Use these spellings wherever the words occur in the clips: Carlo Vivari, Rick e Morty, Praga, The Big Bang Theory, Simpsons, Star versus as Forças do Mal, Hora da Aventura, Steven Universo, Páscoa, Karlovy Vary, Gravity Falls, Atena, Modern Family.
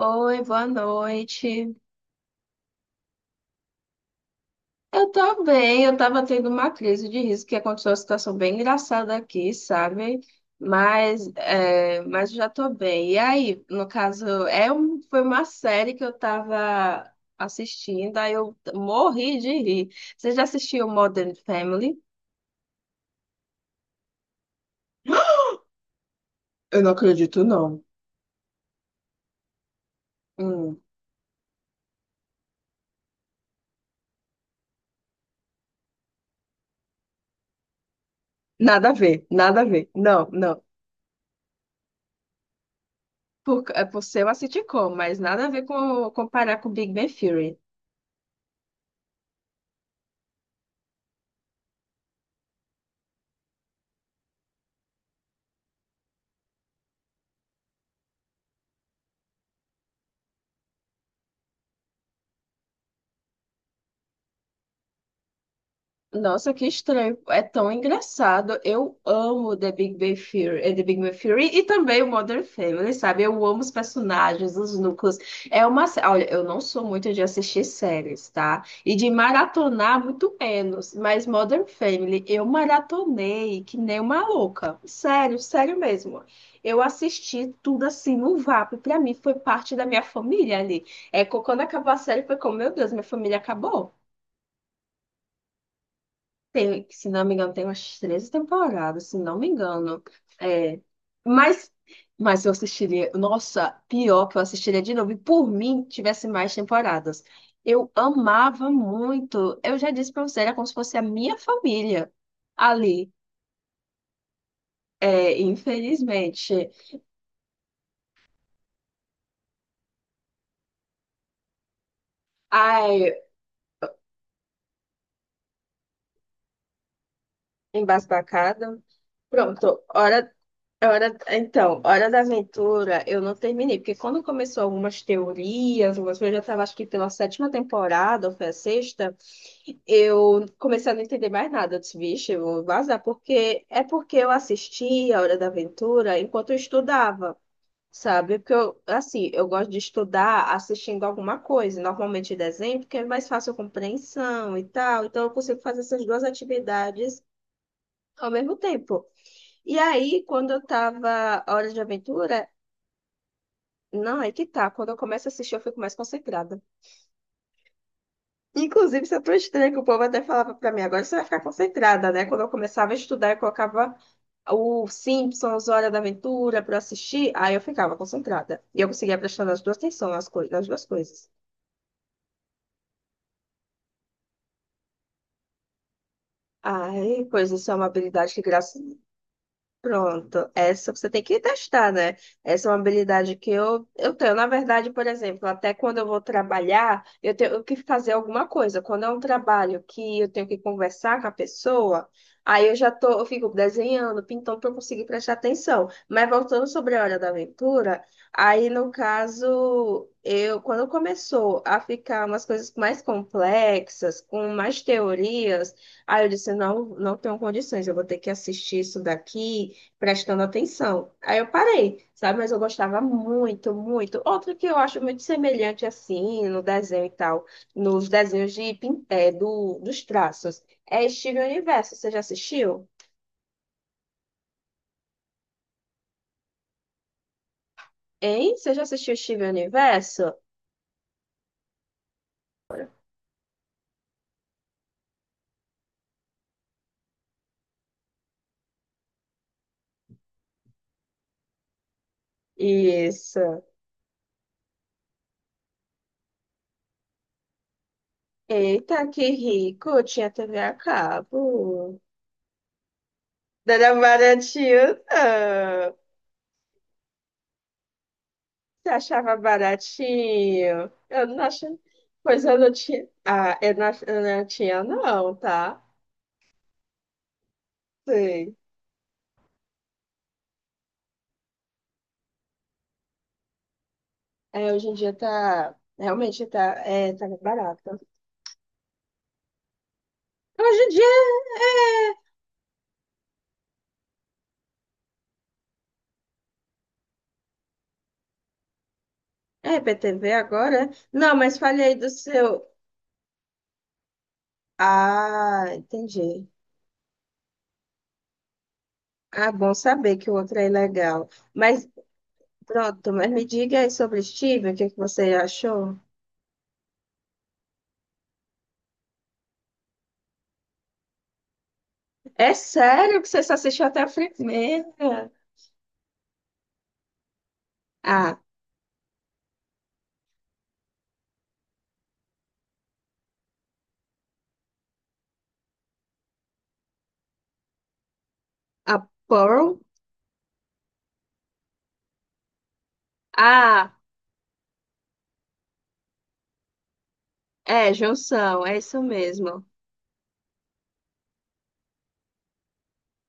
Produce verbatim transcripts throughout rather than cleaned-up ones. Oi, boa noite. Eu tô bem, eu tava tendo uma crise de riso que aconteceu uma situação bem engraçada aqui, sabe? Mas, é, mas já tô bem. E aí, no caso, é um, foi uma série que eu tava assistindo, aí eu morri de rir. Você já assistiu Modern Family? Eu não acredito, não. Hum, Nada a ver, nada a ver. Não, não. Por, é por ser uma sitcom, mas nada a ver com comparar com Big Bang Theory. Nossa, que estranho. É tão engraçado. Eu amo The Big Bang Theory, eh, The Big Bang Theory e também o Modern Family, sabe? Eu amo os personagens, os núcleos. É uma, sé- olha, eu não sou muito de assistir séries, tá? E de maratonar muito menos, mas Modern Family eu maratonei que nem uma louca. Sério, sério mesmo. Eu assisti tudo assim no vapo. Pra mim foi parte da minha família ali. É co- quando acabou a série foi como, meu Deus, minha família acabou. Tem, se não me engano, tem umas treze temporadas, se não me engano. É, mas, mas eu assistiria. Nossa, pior que eu assistiria de novo. E por mim, tivesse mais temporadas. Eu amava muito. Eu já disse pra você, era como se fosse a minha família ali. É, infelizmente. Ai, embasbacada. Pronto, hora Hora, então, Hora da Aventura eu não terminei, porque quando começou algumas teorias, algumas coisas, eu já estava acho que pela sétima temporada, ou foi a sexta, eu comecei a não entender mais nada. Eu disse, vixe, eu vou vazar, porque é porque eu assistia a Hora da Aventura enquanto eu estudava, sabe? Porque eu, assim, eu gosto de estudar assistindo alguma coisa, normalmente desenho, porque é mais fácil a compreensão e tal, então eu consigo fazer essas duas atividades ao mesmo tempo. E aí, quando eu tava Hora de Aventura, não, é que tá. Quando eu começo a assistir, eu fico mais concentrada. Inclusive, isso é tão estranho que o povo até falava pra mim, agora você vai ficar concentrada, né? Quando eu começava a estudar, eu colocava o Simpsons, Hora da Aventura pra eu assistir, aí eu ficava concentrada. E eu conseguia prestar nas duas atenção nas, coi- nas duas coisas. Ai, pois isso é uma habilidade que, graças Pronto, essa você tem que testar, né? Essa é uma habilidade que eu, eu tenho. Na verdade, por exemplo, até quando eu vou trabalhar, eu tenho que fazer alguma coisa. Quando é um trabalho que eu tenho que conversar com a pessoa, aí eu já tô, eu fico desenhando, pintando para conseguir prestar atenção. Mas voltando sobre a hora da aventura, aí no caso, eu quando começou a ficar umas coisas mais complexas, com mais teorias, aí eu disse, não, não tenho condições, eu vou ter que assistir isso daqui prestando atenção. Aí eu parei, sabe? Mas eu gostava muito, muito. Outro que eu acho muito semelhante assim no desenho e tal, nos desenhos de pin- é, do, dos traços, é Steven Universo. Você já assistiu? Hein? Você já assistiu Steven Universo? Isso. Eita, que rico! Tinha T V a cabo. Não era baratinho. Você achava baratinho? Eu não achava. Pois eu não tinha. Ah, eu não, ach- eu não tinha, não, tá? Sim. É, hoje em dia tá. Realmente tá, é, tá barato. Hoje em dia é. É é P T V agora? É? Não, mas fale aí do seu. Ah, entendi. Ah, bom saber que o outro é ilegal. Mas pronto, mas me diga aí sobre Steven, o que é que você achou? É sério que você só assistiu até a primeira? Ah, a Pearl? Ah, é, junção, é isso mesmo.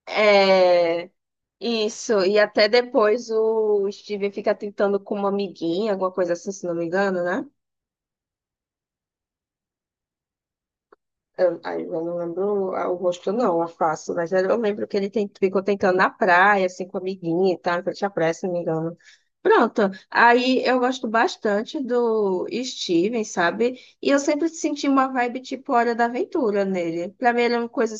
É, isso, e até depois o Steven fica tentando com uma amiguinha, alguma coisa assim, se não me engano, né? Eu, aí eu não lembro ah, o rosto, não, a face, mas eu lembro que ele tem- ficou tentando na praia, assim, com a amiguinha e tal, em frente à praia, se não me engano. Pronto, aí eu gosto bastante do Steven, sabe? E eu sempre senti uma vibe tipo Hora da Aventura nele. Pra mim ele é uma coisa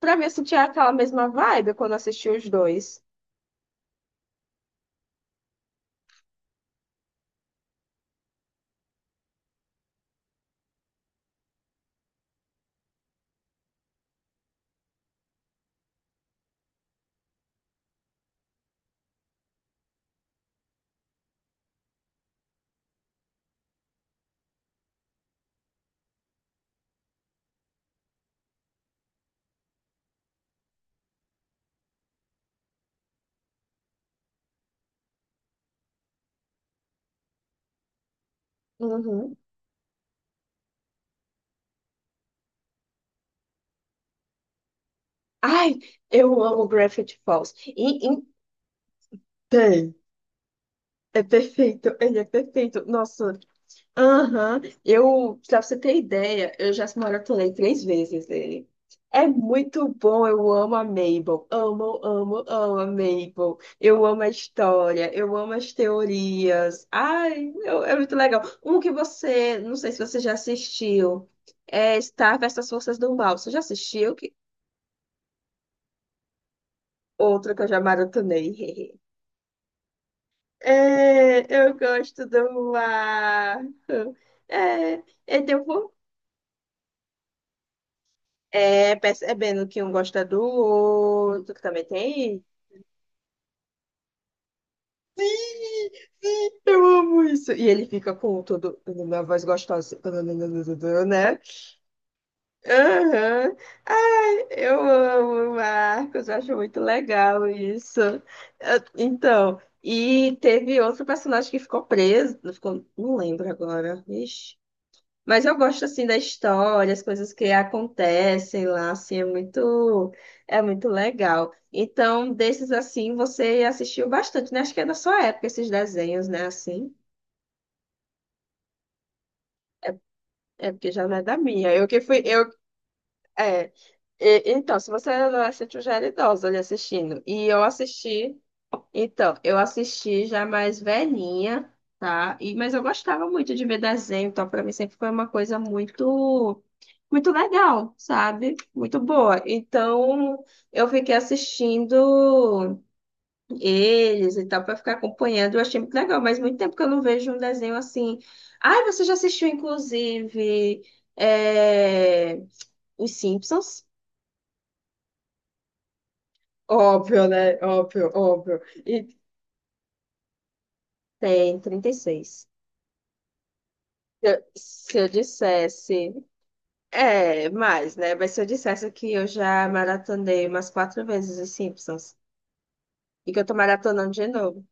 Pra mim, eu sentia aquela mesma vibe quando assisti os dois. Uhum. Ai, eu amo Gravity Falls. E então, é perfeito, ele é perfeito. Nossa. Aham. Eu, pra você ter ideia, eu já maratonei três vezes ele. É muito bom, eu amo a Mabel. Amo, amo, amo a Mabel. Eu amo a história, eu amo as teorias. Ai, eu- é muito legal. Um que você, não sei se você já assistiu, é Star versus as Forças do Mal. Você já assistiu? Que... Outro que eu já maratonei. É, eu gosto do mar. É, é, eu vou É, percebendo que um gosta do outro, que também tem. Eu amo isso. E ele fica com todo na voz gostosa, né? Aham. Ai, eu amo, Marcos. Eu acho muito legal isso. Eu- Então, e teve outro personagem que ficou preso. Não ficou, não lembro agora. Ixi. Mas eu gosto assim da história, as coisas que acontecem lá, assim, é muito, é muito legal. Então, desses assim, você assistiu bastante, né? Acho que é da sua época esses desenhos, né? Assim, é porque já não é da minha. Eu que fui, eu É. E- então, se você era adolescente, eu já era idosa ali assistindo. E eu assisti, então, eu assisti já mais velhinha, tá? E, mas eu gostava muito de ver desenho, então pra mim sempre foi uma coisa muito, muito legal, sabe? Muito boa. Então, eu fiquei assistindo eles e tal, pra ficar acompanhando. Eu achei muito legal, mas muito tempo que eu não vejo um desenho assim. Ai, você já assistiu, inclusive, é... Os Simpsons? Óbvio, né? Óbvio, óbvio. E Tem trinta e seis. se eu, se eu dissesse. É, mais, né? Mas se eu dissesse que eu já maratonei umas quatro vezes os Simpsons e que eu tô maratonando de novo.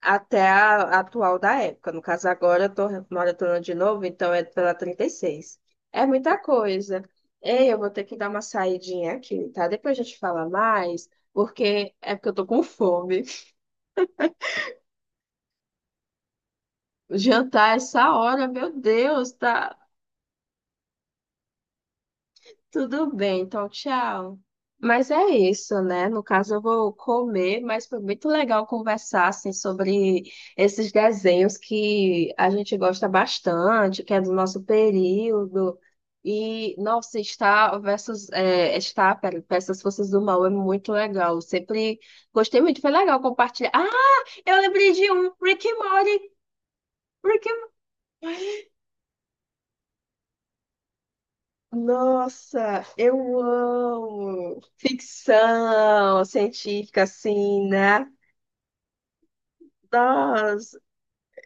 Até a atual da época. No caso, agora eu tô maratonando de novo, então é pela trinta e seis. É muita coisa. Ei, eu vou ter que dar uma saidinha aqui, tá? Depois a gente fala mais, porque é porque eu tô com fome. Jantar é essa hora, meu Deus, tá? Tudo bem, então tchau. Mas é isso, né? No caso, eu vou comer, mas foi muito legal conversar assim, sobre esses desenhos que a gente gosta bastante, que é do nosso período. E, nossa, Star versus é, é Star, pera, versus Forças do Mal é muito legal. Eu sempre gostei muito, foi legal compartilhar. Ah, eu lembrei de um, Rick e Morty. Rick Nossa, eu amo ficção científica, assim, né? Nossa,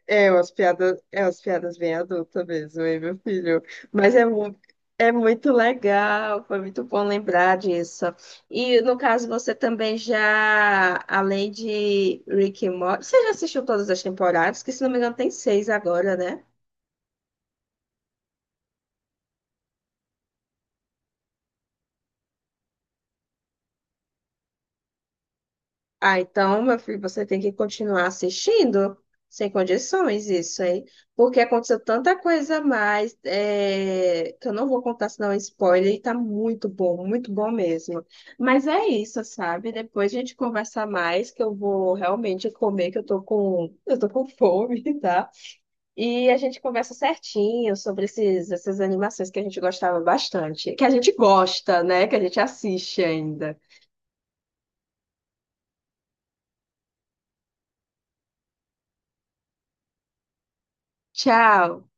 é umas piadas, é umas piadas bem adultas mesmo, hein, meu filho? Mas é, mu- é muito legal, foi muito bom lembrar disso. E no caso, você também já, além de Rick and Morty, você já assistiu todas as temporadas? Que se não me engano tem seis agora, né? Ah, então, meu filho, você tem que continuar assistindo sem condições isso aí, porque aconteceu tanta coisa a mais é, que eu não vou contar senão é um spoiler e tá muito bom, muito bom mesmo. Mas é isso, sabe? Depois a gente conversa mais, que eu vou realmente comer, que eu tô com, eu tô com fome, tá? E a gente conversa certinho sobre esses, essas animações que a gente gostava bastante, que a gente gosta, né? Que a gente assiste ainda. Tchau!